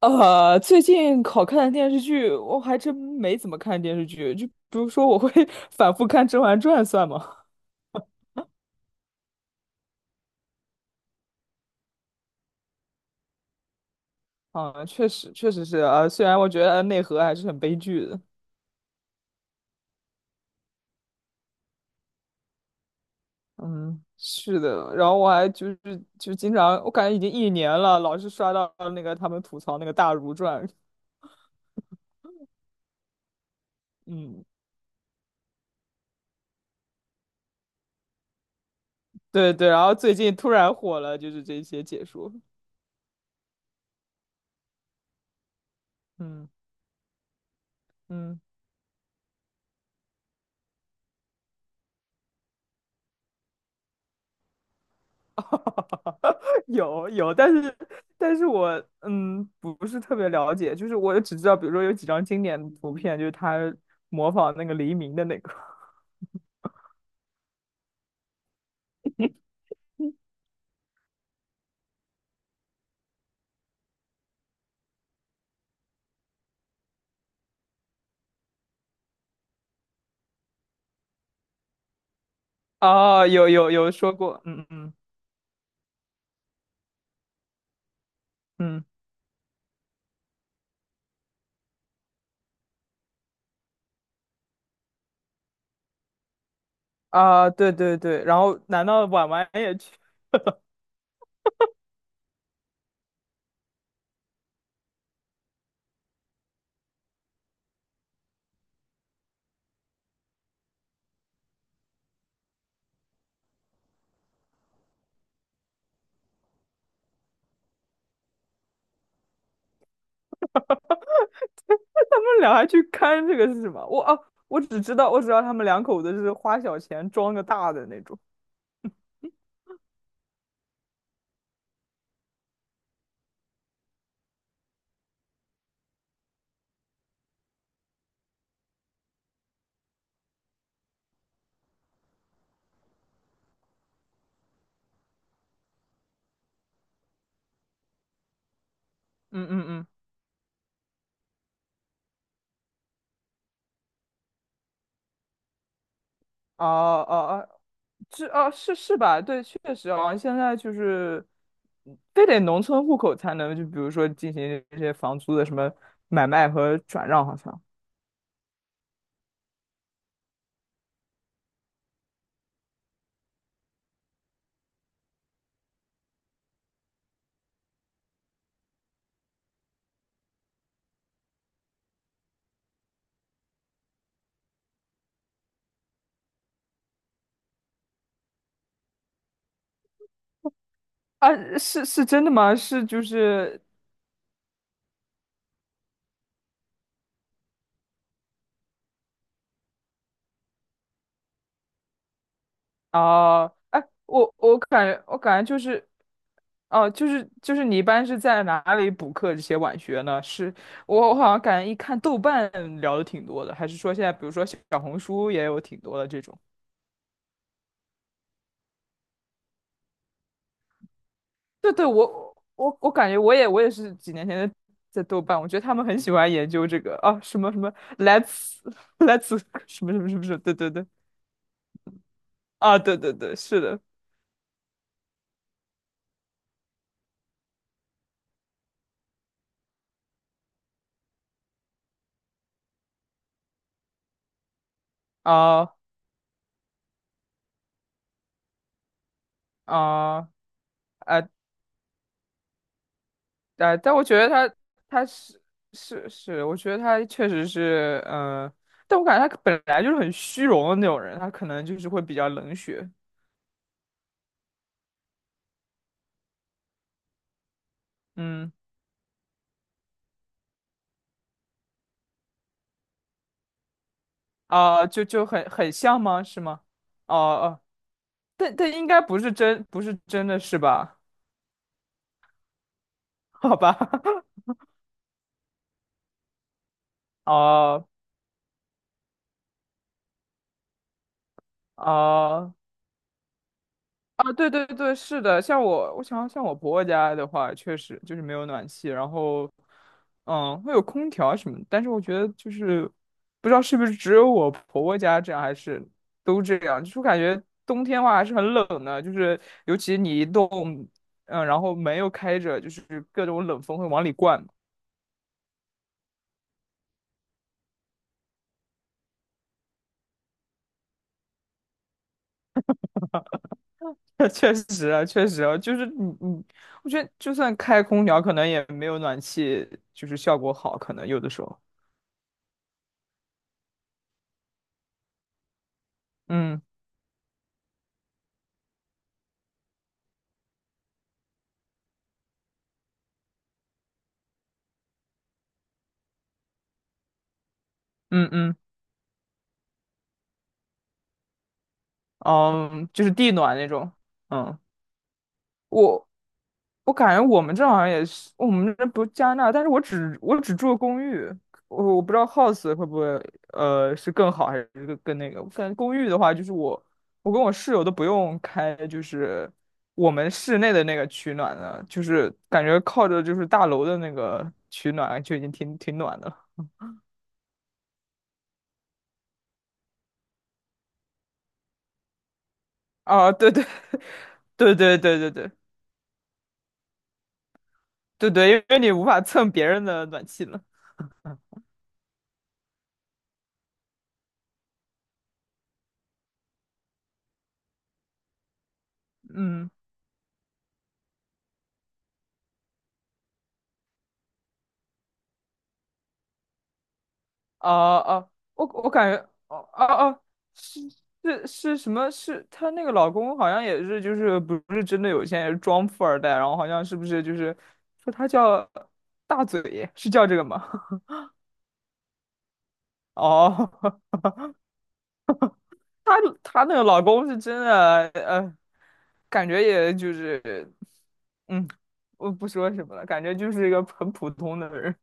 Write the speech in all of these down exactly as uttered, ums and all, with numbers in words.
呃，最近好看的电视剧，我还真没怎么看电视剧。就比如说，我会 反复看《甄嬛传》算吗？啊，确实，确实是啊。虽然我觉得内核还是很悲剧的。嗯，是的。然后我还就是就经常，我感觉已经一年了，老是刷到那个他们吐槽那个《大儒传》。嗯，对对。然后最近突然火了，就是这些解说。嗯嗯。有有，但是但是我嗯不是特别了解，就是我只知道，比如说有几张经典的图片，就是他模仿那个黎明的那个。哦，有有有说过，嗯嗯嗯啊，对对对。然后难道婉婉也去？他们俩还去看这个是什么？我啊，我只知道我只知道他们两口子是花小钱装个大的那种。嗯嗯嗯，哦哦。是啊，是是吧？对，确实啊，现在就是，非得农村户口才能，就比如说进行这些房租的什么买卖和转让，好像。啊，是是真的吗？是就是啊。哎，我我感觉我感觉就是，哦、就是就是你一般是在哪里补课这些晚学呢？是我我好像感觉一看豆瓣聊的挺多的，还是说现在比如说小红书也有挺多的这种。对对，我我我感觉我也我也是几年前在在豆瓣，我觉得他们很喜欢研究这个啊什么什么 let's let's 什么什么什么什么，对对对啊对对对，是的。啊啊啊啊！但我觉得他他是是是，我觉得他确实是嗯、呃但我感觉他本来就是很虚荣的那种人，他可能就是会比较冷血，嗯。啊就就很很像吗？是吗？哦、哦，但但应该不是真不是真的是吧？好吧。哦哦。啊，对对对，是的，像我，我想像我婆婆家的话，确实就是没有暖气，然后，嗯，会有空调什么的。但是我觉得就是不知道是不是只有我婆婆家这样，还是都这样，就是我感觉冬天的话还是很冷的，就是尤其你一动，嗯，然后门又开着，就是各种冷风会往里灌。确实啊，确实啊，就是你你，我觉得就算开空调，可能也没有暖气就是效果好，可能有的时候。嗯嗯嗯，嗯，就是地暖那种，嗯。我我感觉我们这好像也是，我们这不加拿大，但是我只我只住公寓，我我不知道 house 会不会呃是更好还是更更那个，我感觉公寓的话，就是我我跟我室友都不用开，就是我们室内的那个取暖的，就是感觉靠着就是大楼的那个取暖就已经挺挺暖的了。啊，对对。 对对对对对。对对，因为你无法蹭别人的暖气了，嗯。啊啊，我我感觉，哦啊哦，是。是是什么？是她那个老公好像也是，就是不是真的有钱，也是装富二代，然后好像是不是就是说她叫大嘴，是叫这个吗？哦，她。她那个老公是真的，呃，感觉也就是，嗯，我不说什么了，感觉就是一个很普通的人。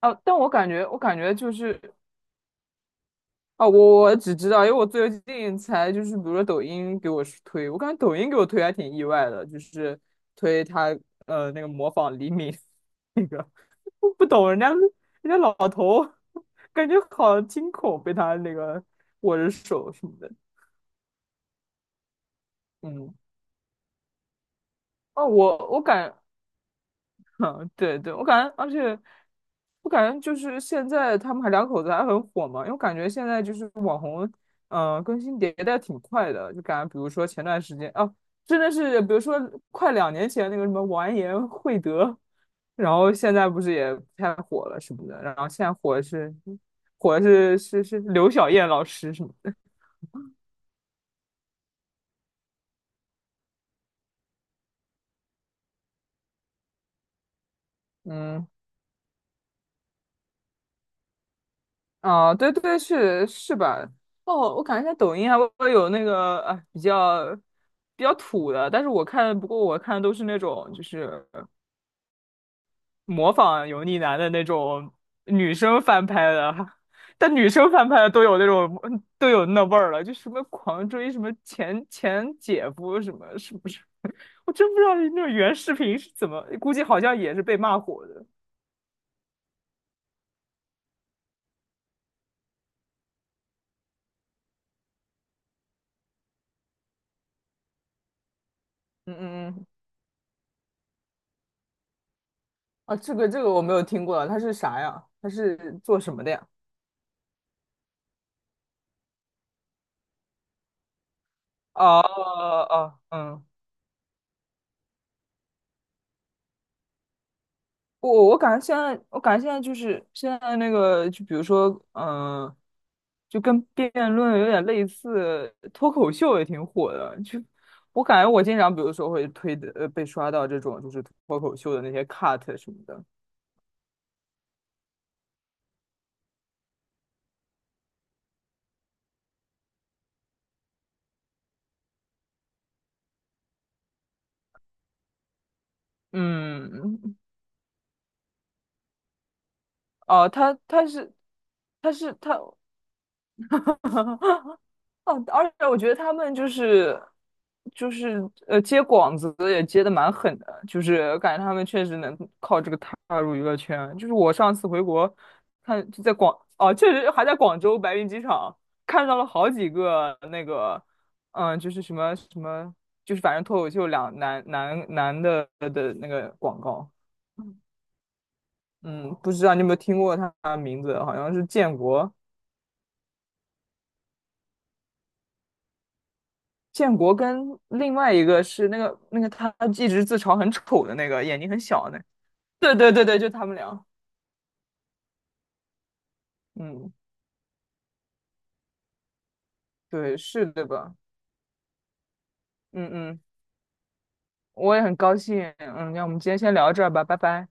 啊，但我感觉，我感觉就是。啊，我我只知道，因为我最近才就是，比如说抖音给我是推，我感觉抖音给我推还挺意外的，就是推他呃那个模仿黎明 那个，我不懂人家人家老头，感觉好惊恐，被他那个握着手什么的。嗯。哦，我我感 嗯，对对，我感觉，而且我感觉就是现在他们还两口子还很火嘛，因为我感觉现在就是网红，嗯、更新迭代挺快的，就感觉比如说前段时间啊，真的是比如说快两年前那个什么完颜慧德，然后现在不是也不太火了什么的，然后现在火的是火的是是是刘晓燕老师什么的。嗯。啊，对对对，是是吧？哦，我感觉在抖音还会有那个啊，哎比较比较土的，但是我看，不过我看都是那种就是模仿油腻男的那种女生翻拍的，但女生翻拍的都有那种都有那味儿了，就什么狂追什么前前姐夫什么，是不是？我真不知道那种原视频是怎么，估计好像也是被骂火的。嗯嗯嗯。啊，这个这个我没有听过，他是啥呀？他是做什么的呀？哦哦，哦哦嗯，我我感觉现在，我感觉现在就是现在那个，就比如说，嗯、就跟辩论有点类似，脱口秀也挺火的。就我感觉我经常，比如说会推的，呃，被刷到这种就是脱口秀的那些 cut 什么的。嗯，嗯。哦、他他是他是他。哦，而且我觉得他们就是就是呃接广子也接的蛮狠的，就是感觉他们确实能靠这个踏入娱乐圈。就是我上次回国看就在广，哦，确实还在广州白云机场看到了好几个那个嗯，就是什么什么，就是反正脱口秀两男男男的的那个广告，嗯，不知道你有没有听过他的名字，好像是建国。建国跟另外一个是那个那个他一直自嘲很丑的那个，眼睛很小的那个，对对对对，就他们俩，嗯，对，是的吧？嗯嗯，我也很高兴，嗯，那我们今天先聊到这儿吧，拜拜。